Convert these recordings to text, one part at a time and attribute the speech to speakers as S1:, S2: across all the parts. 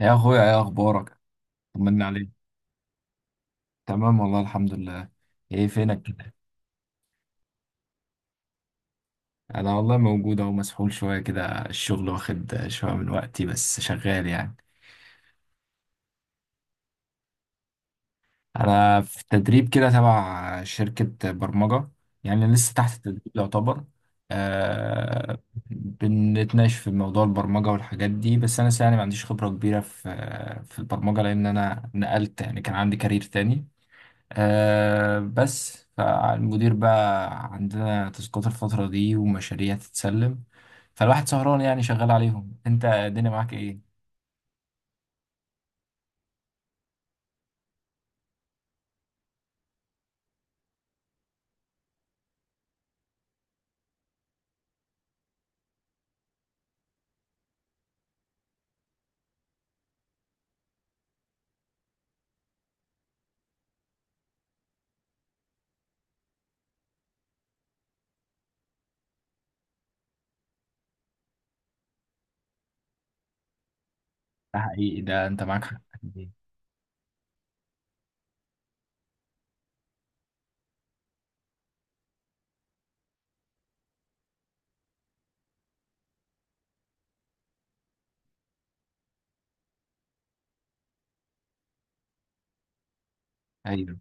S1: يا اخويا، ايه اخبارك؟ طمنا عليك. تمام والله الحمد لله. ايه فينك كده؟ انا والله موجود، اهو مسحول شويه كده الشغل، واخد شويه من وقتي، بس شغال يعني. انا في تدريب كده تبع شركه برمجه، يعني لسه تحت التدريب يعتبر. آه. بنتناقش في موضوع البرمجه والحاجات دي، بس انا لسه يعني ما عنديش خبره كبيره في البرمجه، لان انا نقلت، يعني كان عندي كارير تاني. بس فالمدير بقى عندنا تاسكات الفترة دي ومشاريع تتسلم، فالواحد سهران يعني شغال عليهم. انت الدنيا معاك ايه؟ ده حقيقي، ده انت معاك حق. ايوه.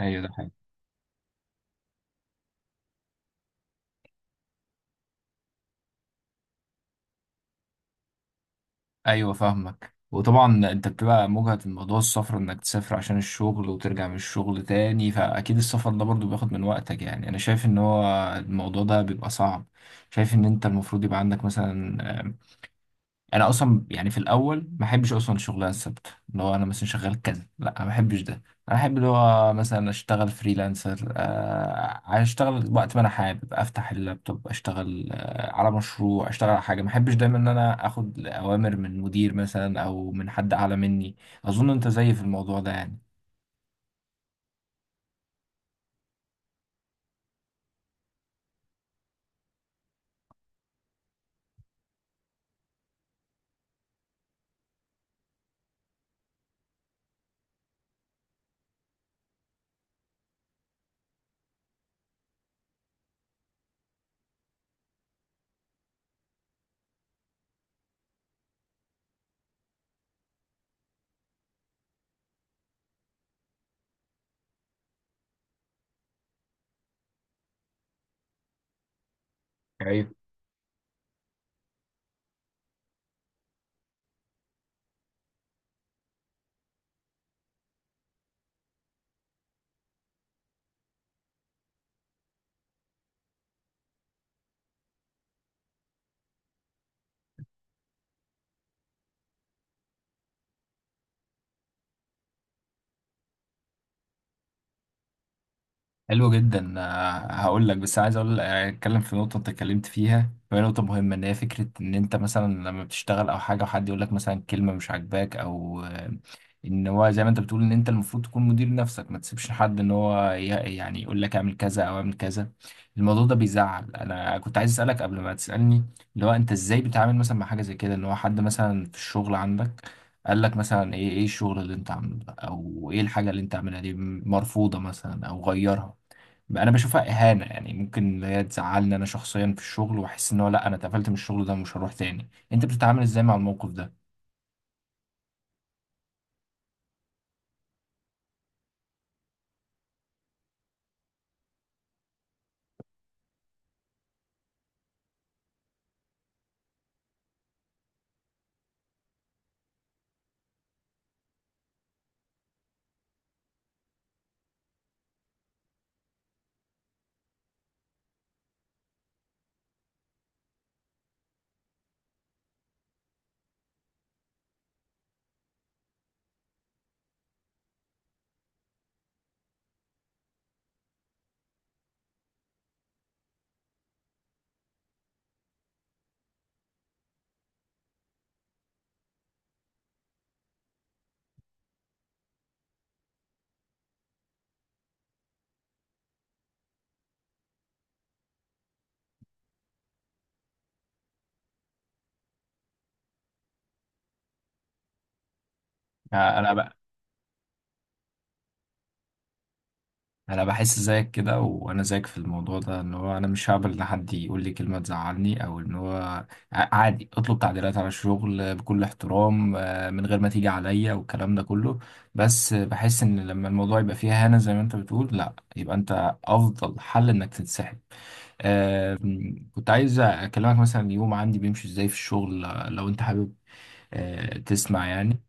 S1: ايوه ده حقيقي. ايوه فاهمك، وطبعا انت بتبقى مجهد في موضوع السفر، انك تسافر عشان الشغل وترجع من الشغل تاني، فاكيد السفر ده برضو بياخد من وقتك يعني. انا شايف ان هو الموضوع ده بيبقى صعب. شايف ان انت المفروض يبقى عندك مثلا. انا اصلا يعني في الاول ما بحبش اصلا الشغلانه الثابته، اللي هو انا مثلا شغال كذا، لا انا ما بحبش ده. انا احب اللي هو مثلا اشتغل فريلانسر، اشتغل وقت ما انا حابب، افتح اللابتوب اشتغل على مشروع، اشتغل على حاجه، ما بحبش دايما ان انا اخد اوامر من مدير مثلا او من حد اعلى مني. اظن انت زيي في الموضوع ده يعني. حلو جدا. هقول لك، بس عايز اقول اتكلم في نقطه انت اتكلمت فيها، وهي نقطه مهمه، ان هي فكره ان انت مثلا لما بتشتغل او حاجه وحد يقول لك مثلا كلمه مش عاجباك، او ان هو زي ما انت بتقول ان انت المفروض تكون مدير نفسك، ما تسيبش حد ان هو يعني يقول لك اعمل كذا او اعمل كذا. الموضوع ده بيزعل. انا كنت عايز اسالك قبل ما تسالني، اللي هو انت ازاي بتتعامل مثلا مع حاجه زي كده، ان هو حد مثلا في الشغل عندك قال لك مثلا ايه، ايه الشغل اللي انت عامله ده، او ايه الحاجه اللي انت عاملها دي، مرفوضه مثلا او غيرها. انا بشوفها اهانه يعني، ممكن اللي هي تزعلني انا شخصيا في الشغل، واحس ان هو لا انا اتقفلت من الشغل ده ومش هروح تاني. انت بتتعامل ازاي مع الموقف ده؟ يعني انا بحس زيك كده، وانا زيك في الموضوع ده، ان هو انا مش هقبل ان حد يقول لي كلمه تزعلني، او ان هو عادي اطلب تعديلات على الشغل بكل احترام، من غير ما تيجي عليا والكلام ده كله. بس بحس ان لما الموضوع يبقى فيها هنا زي ما انت بتقول، لا يبقى انت افضل حل انك تنسحب. كنت عايز اكلمك مثلا، يوم عندي بيمشي ازاي في الشغل، لو انت حابب تسمع يعني.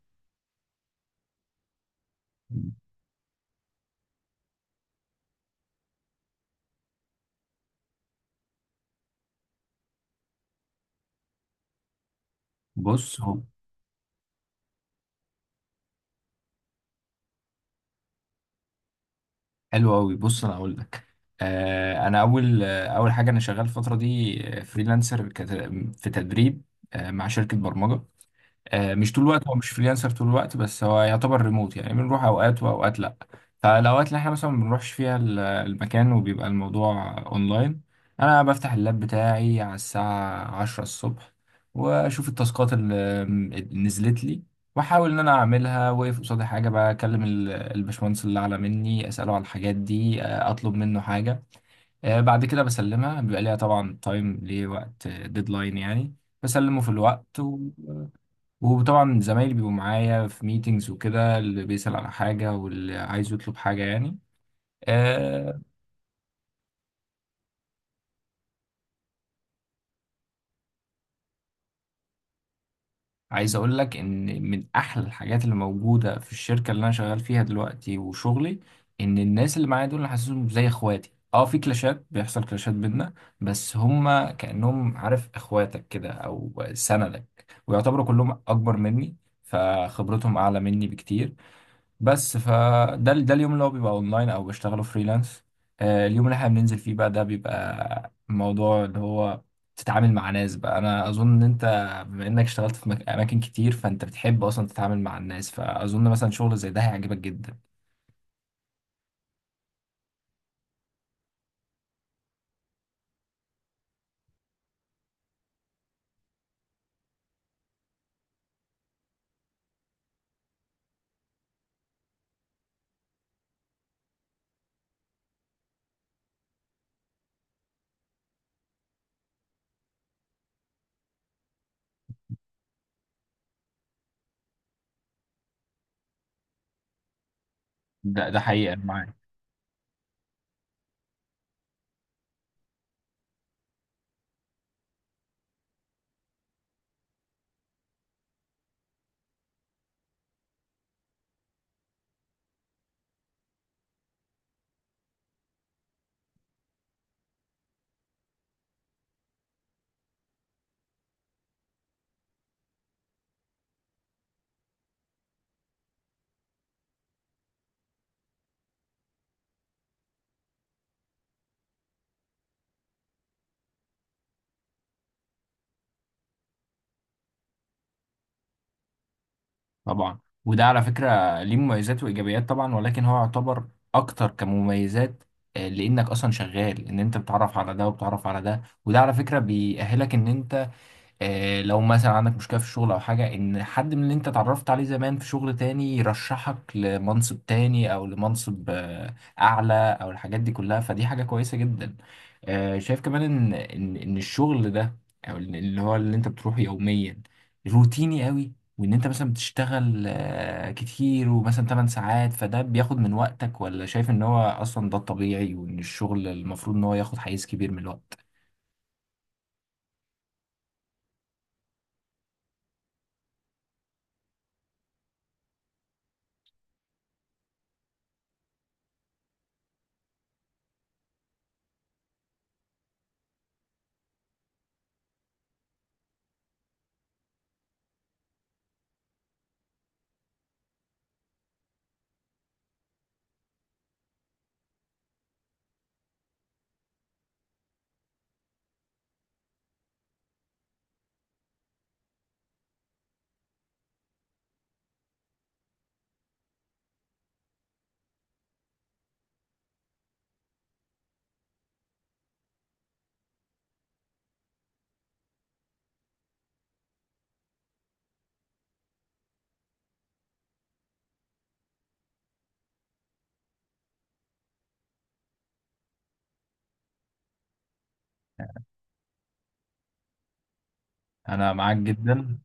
S1: بص هو حلو قوي، بص انا اقول لك. انا اول اول حاجه انا شغال الفتره دي فريلانسر في تدريب، مع شركه برمجه. مش طول الوقت، هو مش فريلانسر طول الوقت، بس هو يعتبر ريموت يعني، بنروح اوقات واوقات لا. فالاوقات اللي احنا مثلا ما بنروحش فيها المكان، وبيبقى الموضوع اونلاين، انا بفتح اللاب بتاعي على الساعة عشرة الصبح، واشوف التاسكات اللي نزلت لي، واحاول ان انا اعملها، واقف قصادي حاجه بقى اكلم الباشمهندس اللي اعلى مني، اساله على الحاجات دي، اطلب منه حاجه. بعد كده بسلمها، بيبقى ليها طبعا تايم، ليه وقت ديدلاين يعني، بسلمه في الوقت. وطبعا زمايلي بيبقوا معايا في ميتينجز وكده، اللي بيسأل على حاجة واللي عايز يطلب حاجة يعني. آه. عايز أقول لك إن من أحلى الحاجات اللي موجودة في الشركة اللي أنا شغال فيها دلوقتي وشغلي، إن الناس اللي معايا دول أنا حاسسهم زي إخواتي. اه في كلاشات، بيحصل كلاشات بينا، بس هما كأنهم، عارف إخواتك كده، أو سندك، ويعتبروا كلهم أكبر مني، فخبرتهم أعلى مني بكتير. بس فده اليوم اللي هو بيبقى اونلاين او بشتغله فريلانس. اليوم اللي احنا بننزل فيه بقى، ده بيبقى الموضوع اللي هو، تتعامل مع ناس بقى. انا اظن ان انت، بما انك اشتغلت في اماكن كتير، فانت بتحب اصلا تتعامل مع الناس، فاظن مثلا شغل زي ده هيعجبك جدا. ده حقيقة، أنا معاك. طبعا. وده على فكرة ليه مميزات وايجابيات طبعا، ولكن هو يعتبر اكتر كمميزات، لانك اصلا شغال ان انت بتتعرف على ده وبتتعرف على ده، وده على فكرة بيأهلك ان انت، لو مثلا عندك مشكلة في الشغل أو حاجة، إن حد من اللي أنت اتعرفت عليه زمان في شغل تاني يرشحك لمنصب تاني، أو لمنصب أعلى، أو الحاجات دي كلها، فدي حاجة كويسة جدا. شايف كمان إن الشغل ده، أو اللي هو اللي أنت بتروحه يوميا، روتيني قوي، وإن أنت مثلا بتشتغل كتير، ومثلا 8 ساعات، فده بياخد من وقتك، ولا شايف إن هو أصلا ده الطبيعي، وإن الشغل المفروض إن هو ياخد حيز كبير من الوقت. أنا معاك جدا.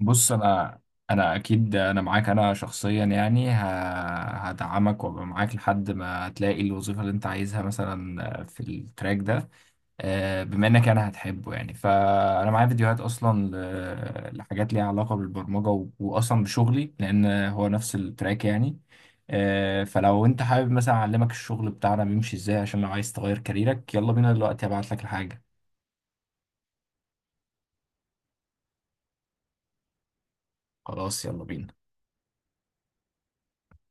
S1: بص انا اكيد انا معاك، انا شخصيا يعني هدعمك وابقى معاك لحد ما هتلاقي الوظيفه اللي انت عايزها مثلا في التراك ده. بما انك انا هتحبه يعني، فانا معايا فيديوهات اصلا لحاجات ليها علاقه بالبرمجه، واصلا بشغلي، لان هو نفس التراك يعني. فلو انت حابب، مثلا اعلمك الشغل بتاعنا بيمشي ازاي، عشان لو عايز تغير كاريرك، يلا بينا دلوقتي هبعت لك الحاجه. خلاص يلا بينا.